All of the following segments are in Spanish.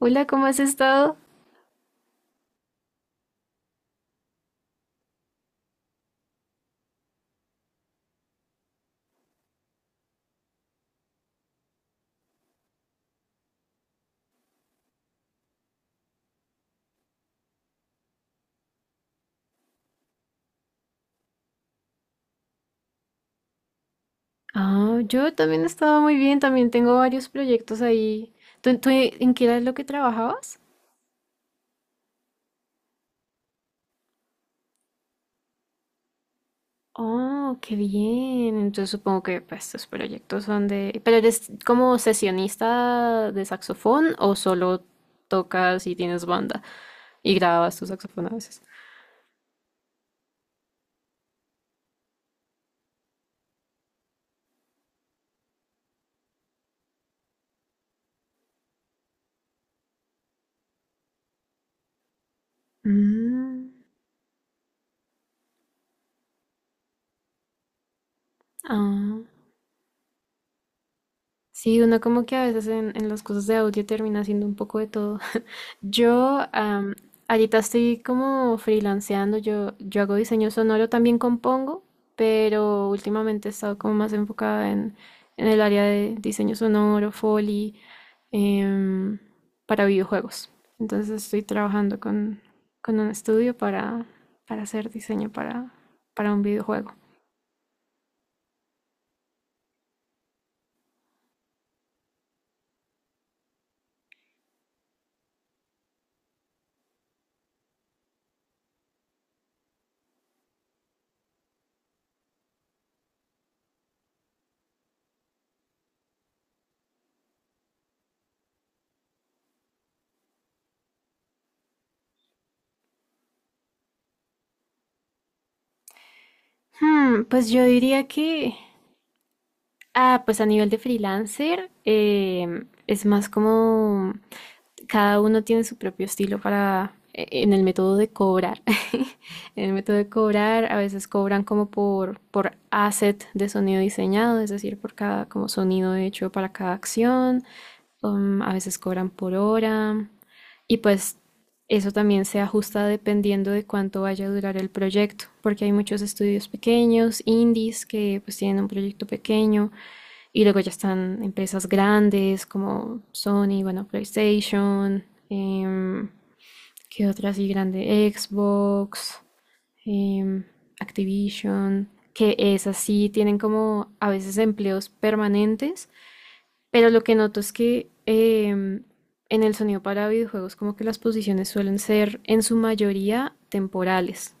Hola, ¿cómo has estado? Ah, yo también he estado muy bien, también tengo varios proyectos ahí. ¿Tú ¿en qué era lo que trabajabas? Oh, qué bien. Entonces supongo que pues, estos proyectos son de... ¿Pero eres como sesionista de saxofón o solo tocas y tienes banda y grabas tu saxofón a veces? Mm, ah. Sí, uno como que a veces en las cosas de audio termina haciendo un poco de todo. Yo ahorita estoy como freelanceando, yo hago diseño sonoro, también compongo, pero últimamente he estado como más enfocada en el área de diseño sonoro, Foley, em, para videojuegos. Entonces estoy trabajando con un estudio para hacer diseño para un videojuego. Pues yo diría que... Ah, pues a nivel de freelancer, es más como cada uno tiene su propio estilo para en el método de cobrar. En el método de cobrar, a veces cobran como por asset de sonido diseñado, es decir, por cada como sonido hecho para cada acción. A veces cobran por hora. Y pues eso también se ajusta dependiendo de cuánto vaya a durar el proyecto, porque hay muchos estudios pequeños, indies, que pues tienen un proyecto pequeño, y luego ya están empresas grandes como Sony, bueno, PlayStation, em, ¿qué otra así grande? Xbox, em, Activision, que esas sí tienen como a veces empleos permanentes, pero lo que noto es que en el sonido para videojuegos como que las posiciones suelen ser en su mayoría temporales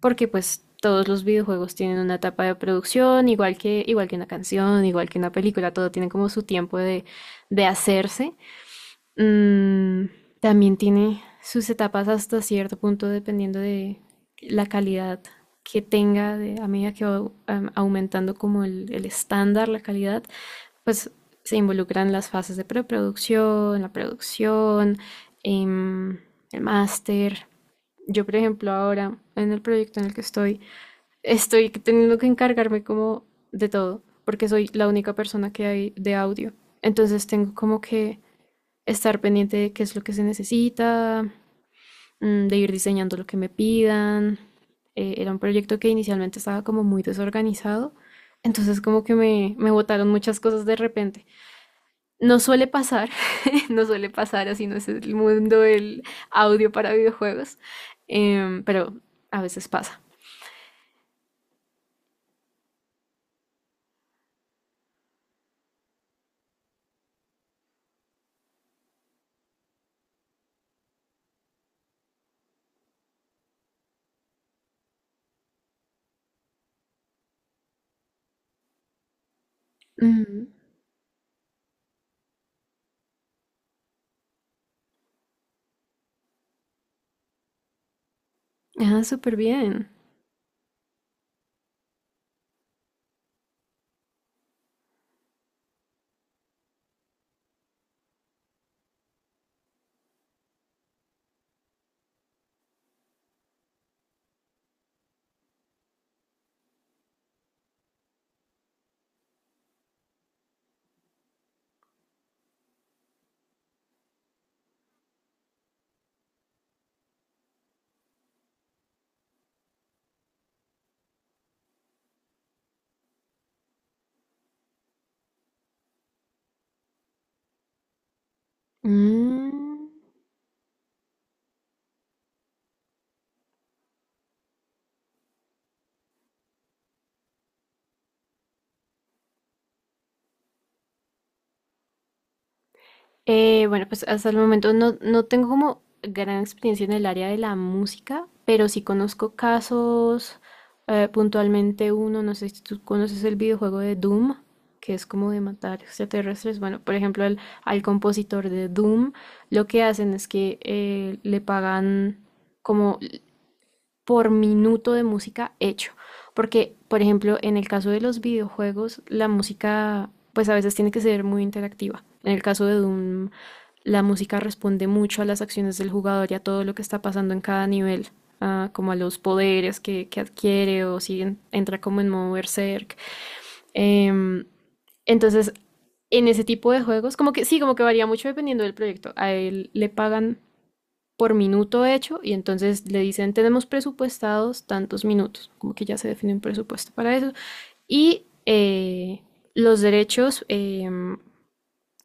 porque pues todos los videojuegos tienen una etapa de producción, igual que una canción, igual que una película, todo tiene como su tiempo de hacerse. Mm, también tiene sus etapas hasta cierto punto dependiendo de la calidad que tenga de, a medida que va aumentando como el estándar, la calidad, pues se involucran las fases de preproducción, la producción, em, el máster. Yo, por ejemplo, ahora en el proyecto en el que estoy, estoy teniendo que encargarme como de todo, porque soy la única persona que hay de audio. Entonces tengo como que estar pendiente de qué es lo que se necesita, mm, de ir diseñando lo que me pidan. Era un proyecto que inicialmente estaba como muy desorganizado, entonces como que me botaron muchas cosas de repente. No suele pasar, no suele pasar, así no es el mundo del audio para videojuegos, pero a veces pasa. Ujú. Ah, súper bien. Mm. Bueno, pues hasta el momento no tengo como gran experiencia en el área de la música, pero sí conozco casos, puntualmente uno, no sé si tú conoces el videojuego de Doom, que es como de matar extraterrestres. Bueno, por ejemplo, al compositor de Doom, lo que hacen es que le pagan como por minuto de música hecho. Porque, por ejemplo, en el caso de los videojuegos, la música pues a veces tiene que ser muy interactiva. En el caso de Doom, la música responde mucho a las acciones del jugador y a todo lo que está pasando en cada nivel, ah, como a los poderes que adquiere o si entra como en modo berserk. Em, entonces, en ese tipo de juegos, como que sí, como que varía mucho dependiendo del proyecto. A él le pagan por minuto hecho y entonces le dicen tenemos presupuestados tantos minutos, como que ya se define un presupuesto para eso. Y los derechos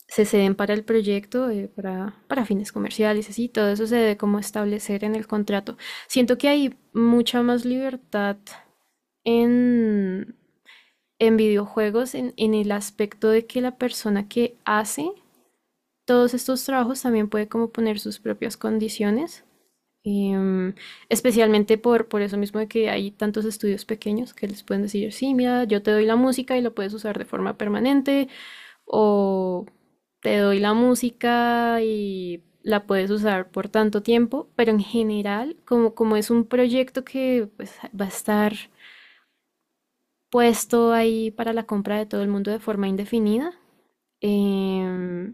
se ceden para el proyecto, para fines comerciales, así, todo eso se debe como establecer en el contrato. Siento que hay mucha más libertad en, en videojuegos en el aspecto de que la persona que hace todos estos trabajos también puede como poner sus propias condiciones. Em, Especialmente por eso mismo de que hay tantos estudios pequeños que les pueden decir, sí, mira, yo te doy la música y la puedes usar de forma permanente, o te doy la música y la puedes usar por tanto tiempo, pero en general, como, como es un proyecto que pues, va a estar puesto ahí para la compra de todo el mundo de forma indefinida, em,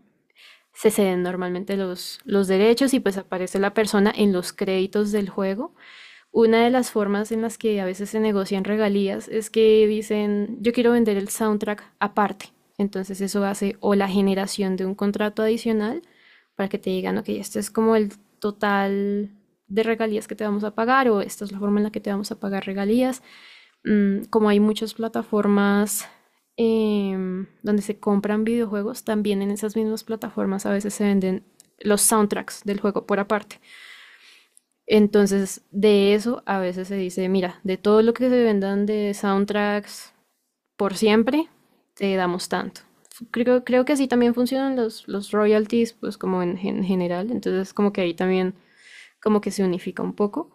se ceden normalmente los derechos y pues aparece la persona en los créditos del juego. Una de las formas en las que a veces se negocian regalías es que dicen, yo quiero vender el soundtrack aparte. Entonces eso hace o la generación de un contrato adicional para que te digan, ok, este es como el total de regalías que te vamos a pagar o esta es la forma en la que te vamos a pagar regalías. Mm, como hay muchas plataformas donde se compran videojuegos, también en esas mismas plataformas a veces se venden los soundtracks del juego por aparte. Entonces, de eso a veces se dice, mira, de todo lo que se vendan de soundtracks por siempre, te damos tanto. Creo que así también funcionan los royalties, pues como en general. Entonces, como que ahí también como que se unifica un poco.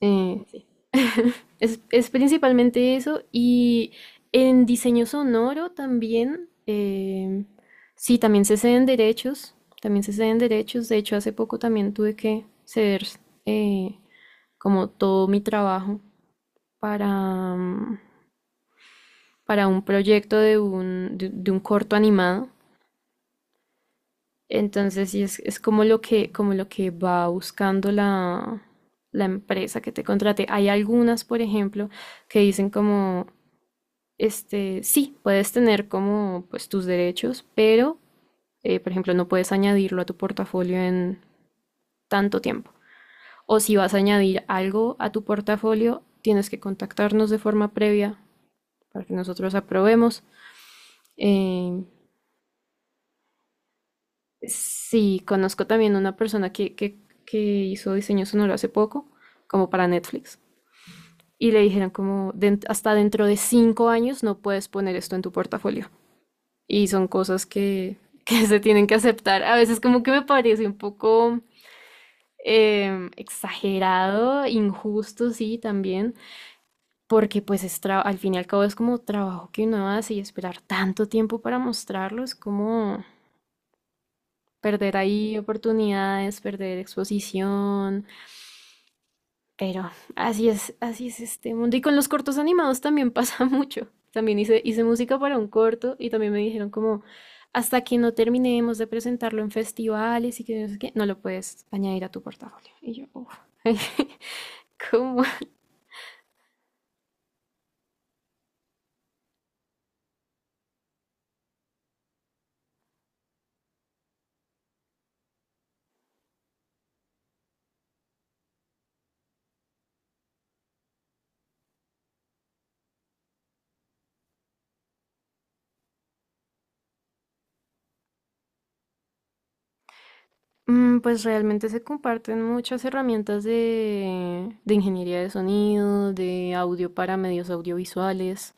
Sí. Es principalmente eso. Y en diseño sonoro también, sí, también se ceden derechos, también se ceden derechos. De hecho, hace poco también tuve que ceder eh, como todo mi trabajo para, para un proyecto de un, de un corto animado. Entonces, sí, es como lo que va buscando la, la empresa que te contrate. Hay algunas, por ejemplo, que dicen como, este, sí, puedes tener como pues tus derechos, pero, por ejemplo, no puedes añadirlo a tu portafolio en tanto tiempo. O si vas a añadir algo a tu portafolio, tienes que contactarnos de forma previa para que nosotros aprobemos. Eh, sí, conozco también una persona que hizo diseño sonoro hace poco, como para Netflix, y le dijeron como "Den- hasta dentro de 5 años no puedes poner esto en tu portafolio". Y son cosas que se tienen que aceptar. A veces como que me parece un poco exagerado, injusto, sí, también, porque pues es al fin y al cabo es como trabajo que uno hace y esperar tanto tiempo para mostrarlo, es como... Perder ahí oportunidades, perder exposición, pero así es este mundo. Y con los cortos animados también pasa mucho. También hice música para un corto y también me dijeron como, hasta que no terminemos de presentarlo en festivales y que no sé qué, no lo puedes añadir a tu portafolio. Y yo, uff, ¿cómo? Mm, pues realmente se comparten muchas herramientas de ingeniería de sonido, de audio para medios audiovisuales.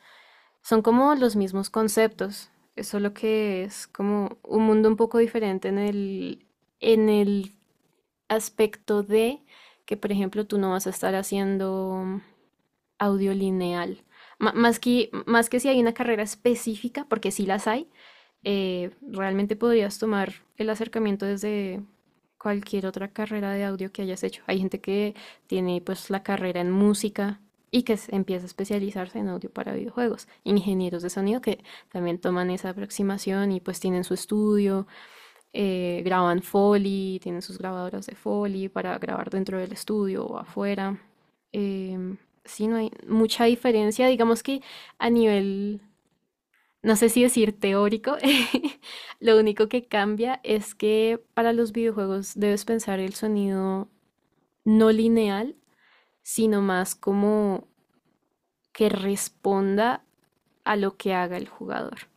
Son como los mismos conceptos, es solo que es como un mundo un poco diferente en en el aspecto de que, por ejemplo, tú no vas a estar haciendo audio lineal. Más que más que si hay una carrera específica, porque sí las hay, realmente podrías tomar el acercamiento desde cualquier otra carrera de audio que hayas hecho. Hay gente que tiene pues la carrera en música y que empieza a especializarse en audio para videojuegos. Ingenieros de sonido que también toman esa aproximación y pues tienen su estudio, graban Foley, tienen sus grabadoras de Foley para grabar dentro del estudio o afuera. Em, sí, no hay mucha diferencia. Digamos que a nivel no sé si decir teórico, lo único que cambia es que para los videojuegos debes pensar el sonido no lineal, sino más como que responda a lo que haga el jugador.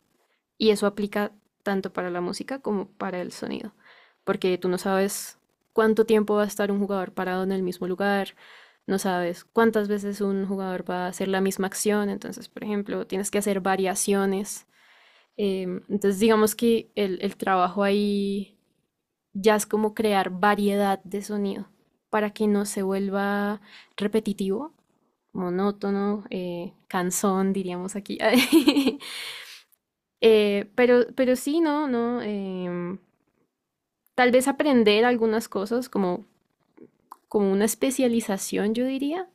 Y eso aplica tanto para la música como para el sonido, porque tú no sabes cuánto tiempo va a estar un jugador parado en el mismo lugar, no sabes cuántas veces un jugador va a hacer la misma acción, entonces, por ejemplo, tienes que hacer variaciones. Entonces digamos que el trabajo ahí ya es como crear variedad de sonido para que no se vuelva repetitivo, monótono, cansón, diríamos aquí. Pero sí, no, no. Tal vez aprender algunas cosas como, como una especialización, yo diría.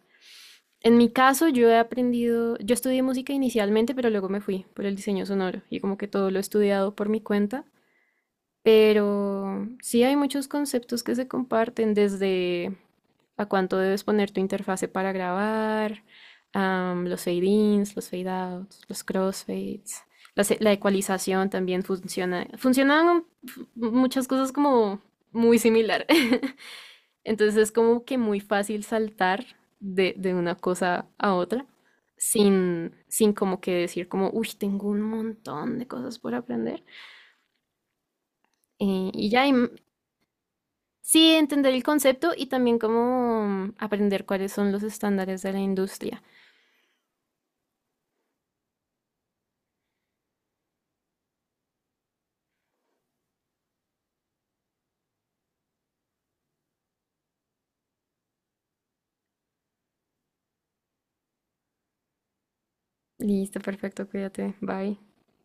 En mi caso, yo he aprendido, yo estudié música inicialmente, pero luego me fui por el diseño sonoro y como que todo lo he estudiado por mi cuenta. Pero sí hay muchos conceptos que se comparten desde a cuánto debes poner tu interfase para grabar, los fade-ins, los fade-outs, los crossfades, la ecualización también funciona. Funcionan muchas cosas como muy similar. Entonces es como que muy fácil saltar de una cosa a otra sin, sin como que decir como, uy, tengo un montón de cosas por aprender. Y ya. Sí, entender el concepto y también cómo mm, aprender cuáles son los estándares de la industria. Listo, perfecto, cuídate, bye.